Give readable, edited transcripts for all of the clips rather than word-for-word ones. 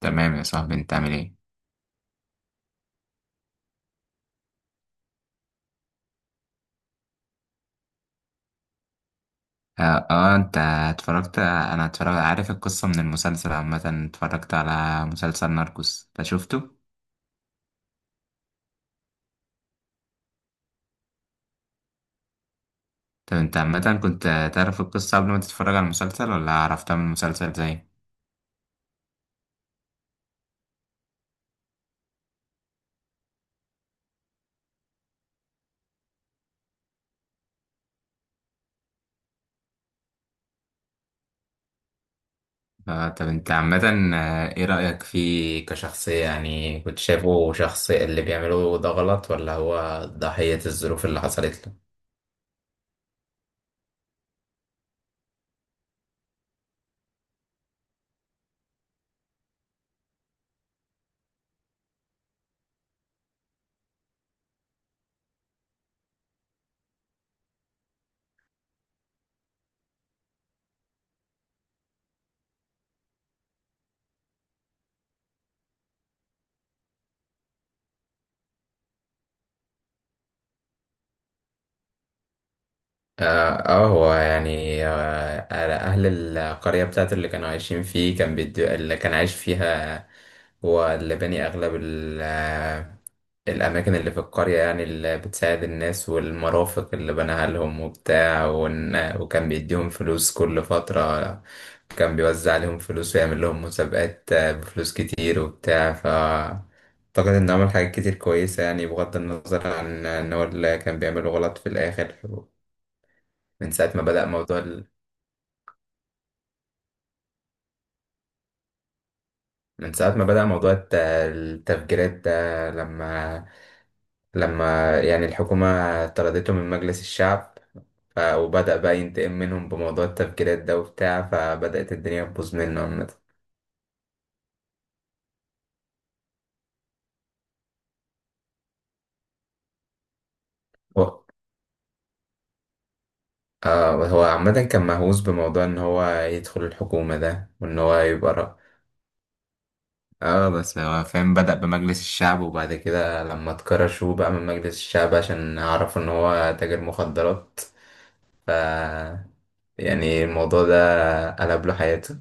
تمام يا صاحبي، انت عامل ايه؟ اه, آه، انت اتفرجت، انا اتفرج، عارف القصة من المسلسل عامة. اتفرجت على مسلسل ناركوس ده، شفته؟ طب انت عامة كنت تعرف القصة قبل ما تتفرج على المسلسل ولا عرفتها من المسلسل زي؟ اه. طب انت عامة، اه، ايه رأيك فيه كشخصية؟ يعني كنت شايفه شخص اللي بيعمله ده غلط ولا هو ضحية الظروف اللي حصلت له؟ اه. هو يعني على اهل القريه بتاعته اللي كانوا عايشين فيه، كان بيدو اللي كان عايش فيها. هو اللي بني اغلب الاماكن اللي في القريه يعني، اللي بتساعد الناس، والمرافق اللي بناها لهم وبتاع، وكان بيديهم فلوس كل فتره، كان بيوزع عليهم فلوس ويعمل لهم مسابقات بفلوس كتير وبتاع. ف أعتقد إنه عمل حاجات كتير كويسة يعني، بغض النظر عن إن هو اللي كان بيعمله غلط في الآخر. من ساعة ما بدأ موضوع ال... من ساعة ما بدأ موضوع التفجيرات ده، لما يعني الحكومة طردته من مجلس الشعب، ف... وبدأ بقى ينتقم منهم بموضوع التفجيرات ده وبتاع، فبدأت الدنيا تبوظ منه عامة. هو آه، هو عامة كان مهووس بموضوع إن هو يدخل الحكومة ده، وإن هو يبقى رأ... اه بس هو فاهم، بدأ بمجلس الشعب وبعد كده لما اتكرشوا بقى من مجلس الشعب عشان عرفوا إن هو تاجر مخدرات. ف يعني الموضوع ده قلب له حياته.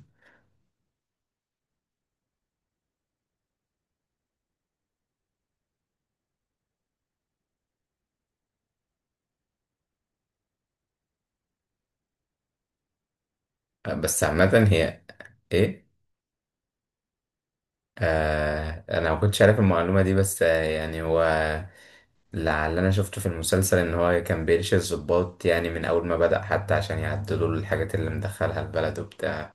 بس عامة هي ايه، آه انا ما كنتش عارف المعلومة دي، بس آه يعني هو لعل انا شفته في المسلسل ان هو كان بيرشي الضباط يعني من اول ما بدأ حتى، عشان يعدلوا له الحاجات اللي مدخلها البلد وبتاع.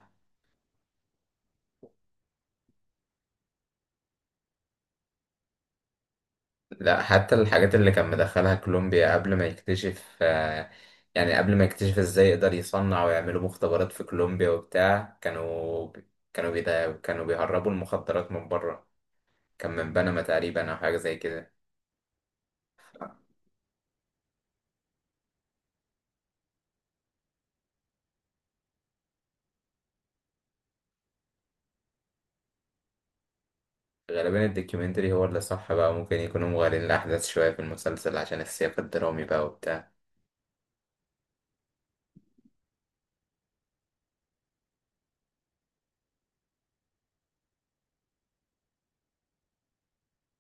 لا، حتى الحاجات اللي كان مدخلها كولومبيا قبل ما يكتشف آه، يعني قبل ما يكتشف ازاي يقدر يصنع ويعملوا مختبرات في كولومبيا وبتاع، كانوا بيهربوا المخدرات من بره. كان من بنما تقريبا أو حاجة زي كده. غالبا الدوكيومنتري هو اللي صح بقى، ممكن يكونوا مغالين الأحداث شوية في المسلسل عشان السياق الدرامي بقى وبتاع.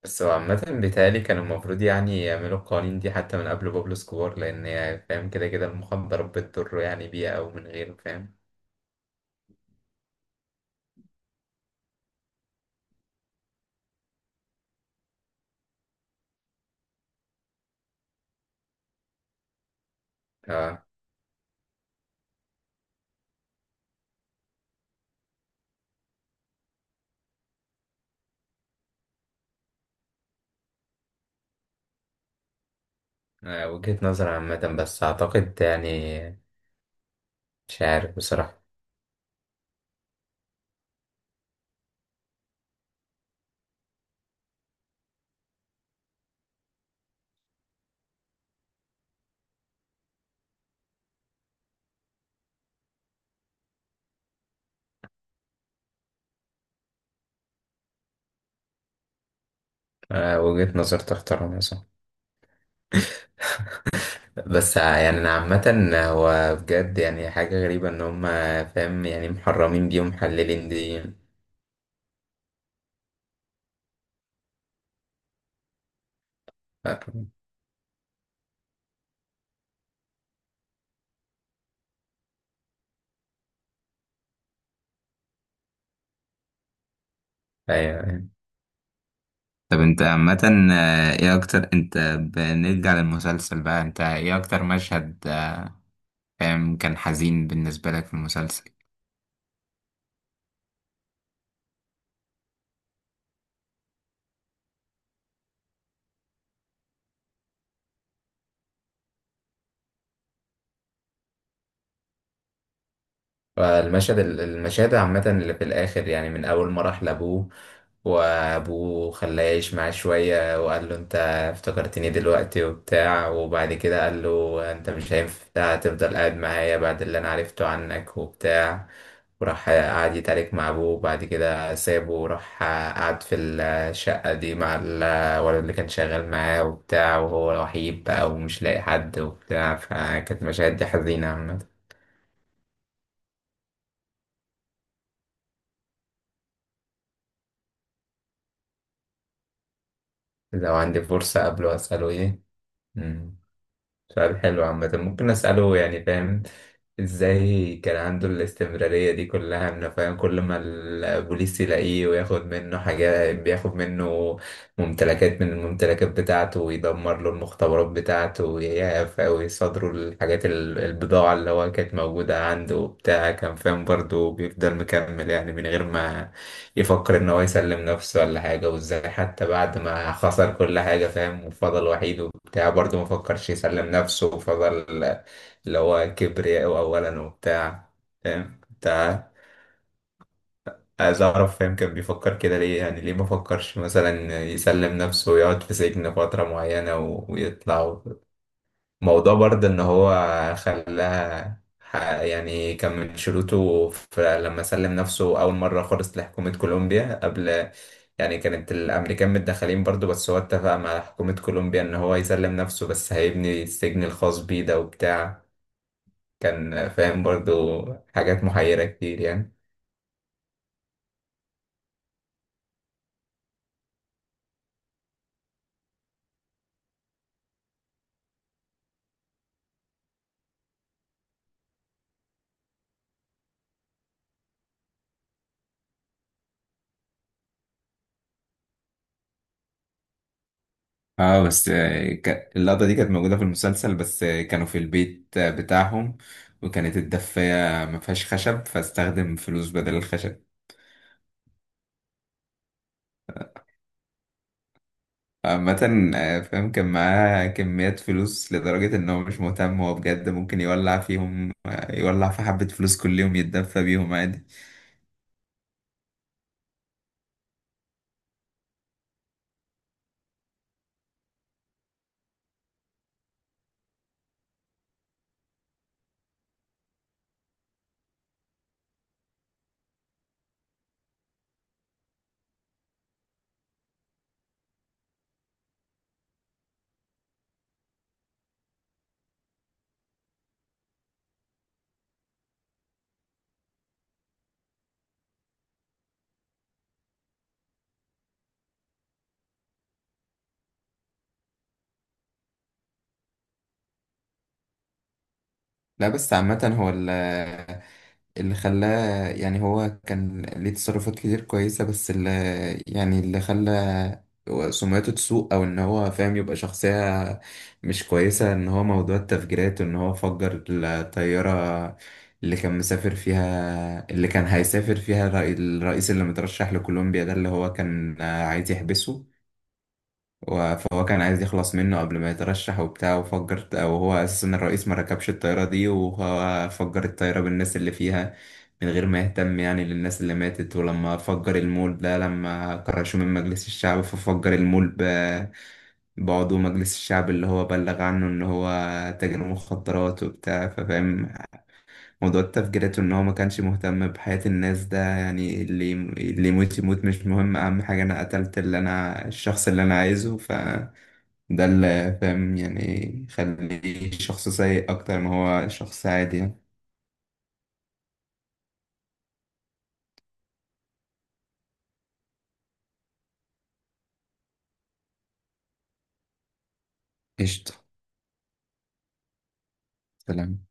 بس هو عامة بيتهيألي كانوا المفروض يعني يعملوا القوانين دي حتى من قبل بابلو سكوار، لأن هي فاهم كده كده المخدرات بتضره يعني بيها أو من غيره، فاهم؟ اه. وجهة نظر عامة، بس أعتقد يعني مش عارف بصراحة. وجهة نظر تحترم مثلا. بس يعني انا عامة هو بجد يعني حاجة غريبة ان هم فاهم يعني محرمين دي ومحللين دي. ف- ايوه، أيوة. طب انت عامة، ايه اكتر، انت بنرجع للمسلسل بقى، انت ايه اكتر مشهد فاهم، كان حزين بالنسبة لك في المسلسل؟ المشاهد عامة اللي في الآخر يعني، من أول ما راح لأبوه وأبوه خلاه يعيش معاه شوية وقال له أنت افتكرتني دلوقتي وبتاع، وبعد كده قال له أنت مش هينفع تفضل قاعد معايا بعد اللي أنا عرفته عنك وبتاع، وراح قعد يتعارك مع أبوه، وبعد كده سابه وراح قعد في الشقة دي مع الولد اللي كان شغال معاه وبتاع، وهو وحيد بقى ومش لاقي حد وبتاع. فكانت مشاهد دي حزينة عامة. لو عندي فرصة قبله أسأله إيه؟ مم. سؤال حلو عامة، ممكن أسأله يعني فاهم، إزاي كان عنده الاستمرارية دي كلها؟ إنه فاهم كل ما البوليس يلاقيه وياخد منه حاجات، بياخد منه ممتلكات من الممتلكات بتاعته، ويدمر له المختبرات بتاعته ويصادروا الحاجات البضاعة اللي هو كانت موجودة عنده وبتاع، كان فاهم برضه بيفضل مكمل يعني من غير ما يفكر ان هو يسلم نفسه ولا حاجة. وازاي حتى بعد ما خسر كل حاجة فاهم وفضل وحيد وبتاع برضه ما فكرش يسلم نفسه وفضل، اللي هو كبرياء اولا وبتاع. فاهم انت، عايز اعرف فاهم كان بيفكر كده ليه؟ يعني ليه ما فكرش مثلا يسلم نفسه ويقعد في سجن فترة معينة ويطلع؟ موضوع برضه ان هو يعني كان من شروطه لما سلم نفسه اول مره خالص لحكومه كولومبيا قبل، يعني كانت الامريكان متدخلين برضه، بس هو اتفق مع حكومه كولومبيا ان هو يسلم نفسه بس هيبني السجن الخاص بيه ده وبتاع. كان فاهم برضه حاجات محيره كتير يعني. اه بس اللقطة دي كانت موجودة في المسلسل، بس كانوا في البيت بتاعهم، وكانت الدفاية ما فيهاش خشب، فاستخدم فلوس بدل الخشب. عامة فاهم، كان معاه كميات فلوس لدرجة إن هو مش مهتم هو بجد ممكن يولع فيهم، يولع في حبة فلوس كل يوم يتدفى بيهم عادي. لا بس عامة هو اللي خلاه يعني، هو كان ليه تصرفات كتير كويسة، بس اللي يعني اللي خلى سمعته تسوء أو إن هو فاهم يبقى شخصية مش كويسة، إن هو موضوع التفجيرات وإن هو فجر الطيارة اللي كان مسافر فيها، اللي كان هيسافر فيها الرئيس اللي مترشح لكولومبيا ده، اللي هو كان عايز يحبسه. فهو كان عايز يخلص منه قبل ما يترشح وبتاع، وفجر، وهو اساسا الرئيس ما ركبش الطيارة دي، وهو فجر الطيارة بالناس اللي فيها من غير ما يهتم يعني للناس اللي ماتت. ولما فجر المول ده، لما كرشوه من مجلس الشعب، ففجر المول بعضو مجلس الشعب اللي هو بلغ عنه ان هو تاجر مخدرات وبتاع، ففاهم موضوع تفجيرته ان هو ما كانش مهتم بحياة الناس ده يعني، اللي يموت يموت مش مهم، اهم حاجة انا قتلت اللي انا الشخص اللي انا عايزه. ف ده اللي فاهم يعني يخليه شخص سيء أكتر ما هو شخص عادي يعني. قشطة. سلام.